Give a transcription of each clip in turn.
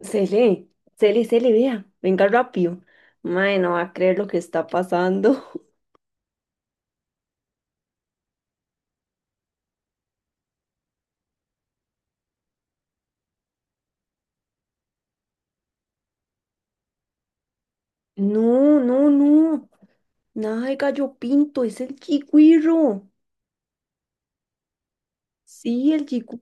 Se lee, se vea, venga rápido. Mae, no va a creer lo que está pasando. No, no, no. Nada de gallo pinto, es el chigüiro. Sí, el chico.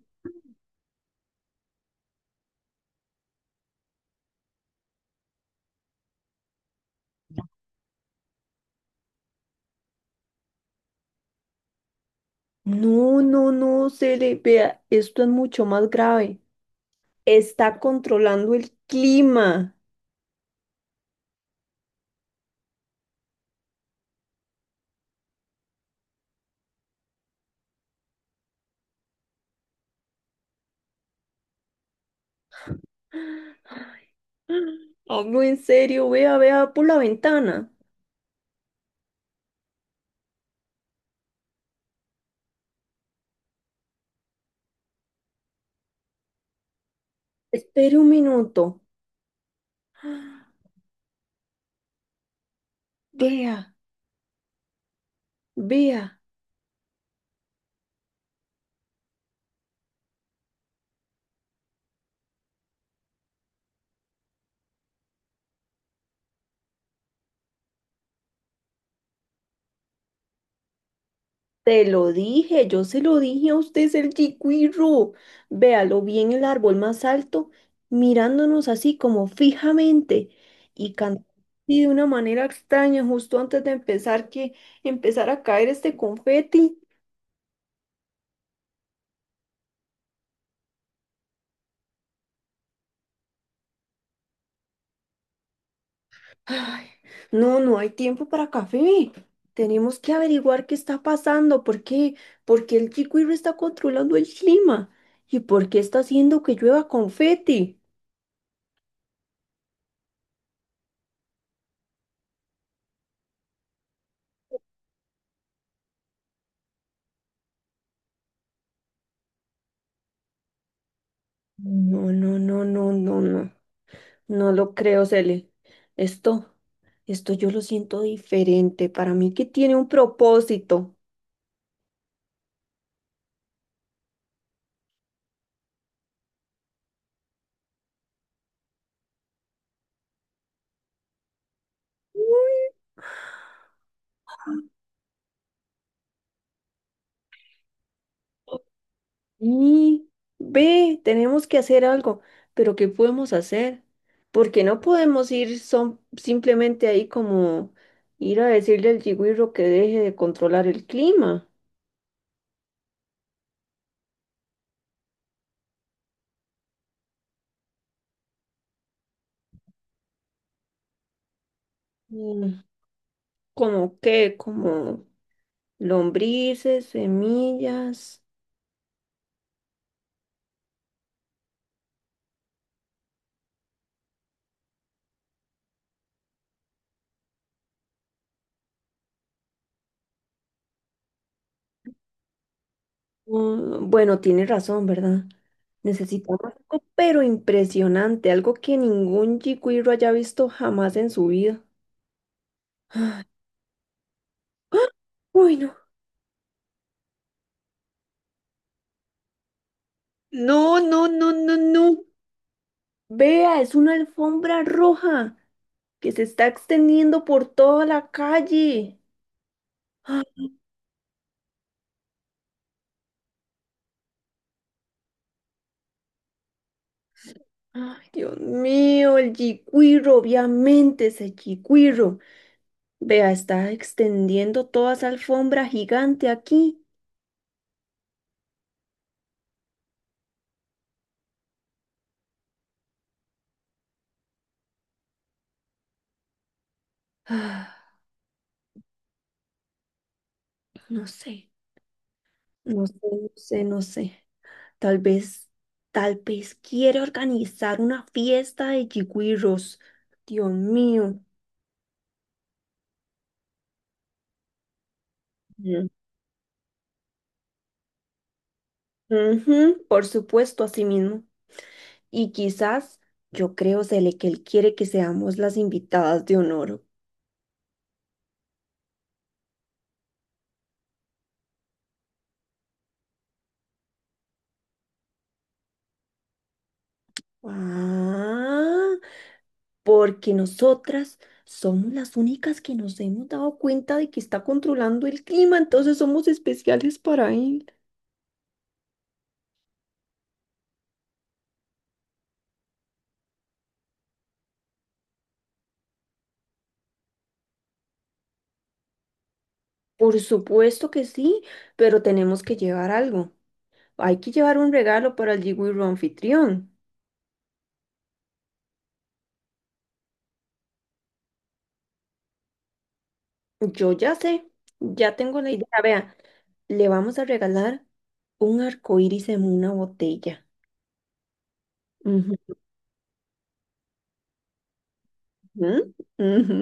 No, no, no, se vea, esto es mucho más grave. Está controlando el clima. Hablo en serio, vea, vea por la ventana. Espere un minuto. Vea, vea. Te lo dije, yo se lo dije a usted, es el chiquirro. Véalo bien el árbol más alto, mirándonos así como fijamente y cantando de una manera extraña justo antes de empezar a caer este confeti. Ay, no, no hay tiempo para café. Tenemos que averiguar qué está pasando, por qué el chiquirro está controlando el clima y por qué está haciendo que llueva confeti. No, no, no, no, no, no. No lo creo, Cele. Esto, esto yo lo siento diferente. Para mí que tiene un propósito. Y ve, tenemos que hacer algo. Pero ¿qué podemos hacer? Porque no podemos simplemente ahí como ir a decirle al yigüirro que deje de controlar el clima. Mm, ¿como qué? Como lombrices, semillas. Mm, bueno, tiene razón, ¿verdad? Necesitamos algo, pero impresionante, algo que ningún chicuiro haya visto jamás en su vida. Uy, no. No, no, no, no, no. Vea, es una alfombra roja que se está extendiendo por toda la calle. Ah, ay, Dios mío, el chicuiro, obviamente ese chicuiro. Vea, está extendiendo toda esa alfombra gigante aquí. Ah, no sé, no sé. Tal vez, tal vez quiere organizar una fiesta de yigüirros. Dios mío. Mm. Ujú, por supuesto, así mismo. Y quizás, yo creo, Cele, que él quiere que seamos las invitadas de honor. Ah, porque nosotras somos las únicas que nos hemos dado cuenta de que está controlando el clima, entonces somos especiales para él. Por supuesto que sí, pero tenemos que llevar algo. Hay que llevar un regalo para el jiwiro anfitrión. Yo ya sé, ya tengo la idea. Vea, le vamos a regalar un arco iris en una botella. Ujú, ujú, ujú.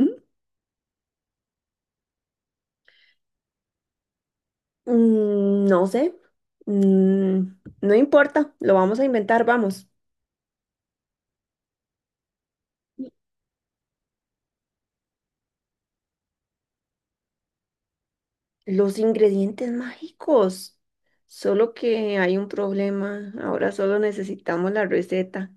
Mm, no sé, mm, no importa, lo vamos a inventar, vamos. Los ingredientes mágicos. Solo que hay un problema. Ahora solo necesitamos la receta.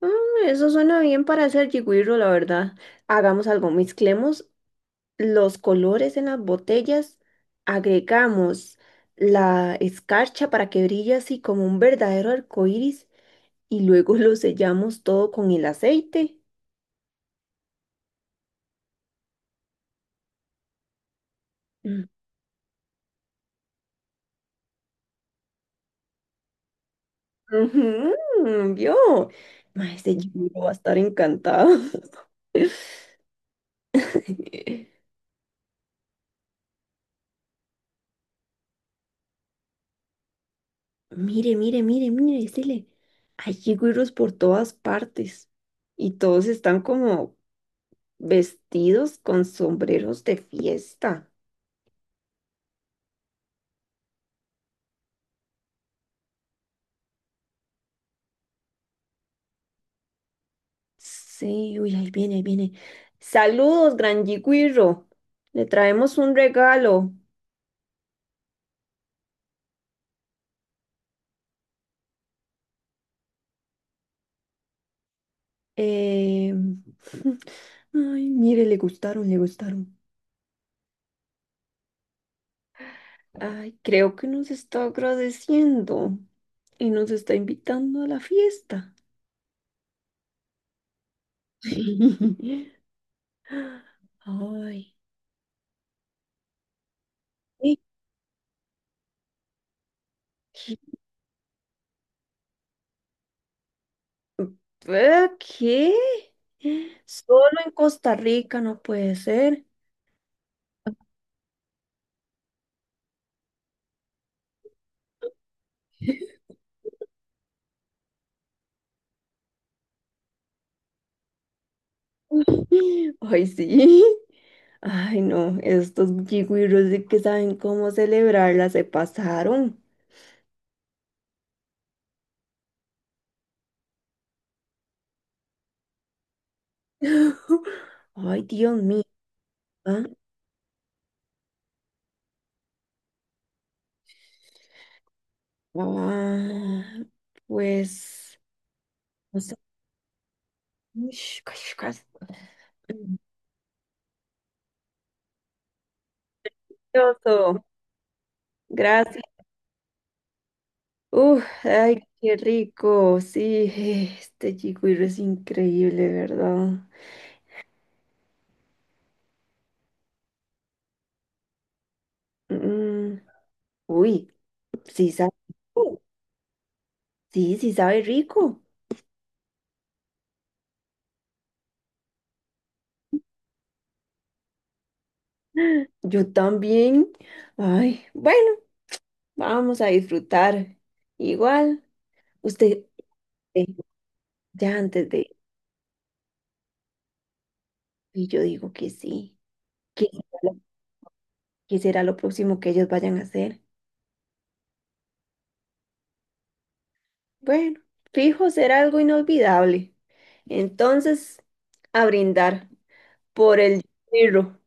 Mm, eso suena bien para hacer jigwiro, la verdad. Hagamos algo, mezclemos los colores en las botellas, agregamos la escarcha para que brille así como un verdadero arco iris y luego lo sellamos todo con el aceite. Mm. Ujú, ¿vio? Ma, ese Jimmy va a estar encantado. Mire, mire, mire, mire, decirle, hay jigüiros por todas partes y todos están como vestidos con sombreros de fiesta. Sí, uy, ahí viene, ahí viene. Saludos, Gran Yigüirro. Le traemos un regalo. Eh, ay, mire, le gustaron, le gustaron. Ay, creo que nos está agradeciendo y nos está invitando a la fiesta. Ay, ¿y ¿qué? ¿Qué? ¿Qué? Solo en Costa Rica no puede ser. Ay, sí. Ay, no, estos yigüiros de que saben cómo celebrarla se pasaron. Ay, Dios mío. ¿Ah? Ah, pues, no sé. Ush, cush, cush. Delicioso. Gracias. Uf, ay, qué rico. Sí, este chigüiro es increíble, ¿verdad? Mm, mm, uy, sí sabe rico. Sí, sí sabe rico. Yo también. Ay, bueno, vamos a disfrutar. Igual, usted, eh, ya antes de... Y yo digo que sí. ¿Qué será lo, qué será lo próximo que ellos vayan a hacer? Bueno, fijo, será algo inolvidable. Entonces, a brindar por el dinero.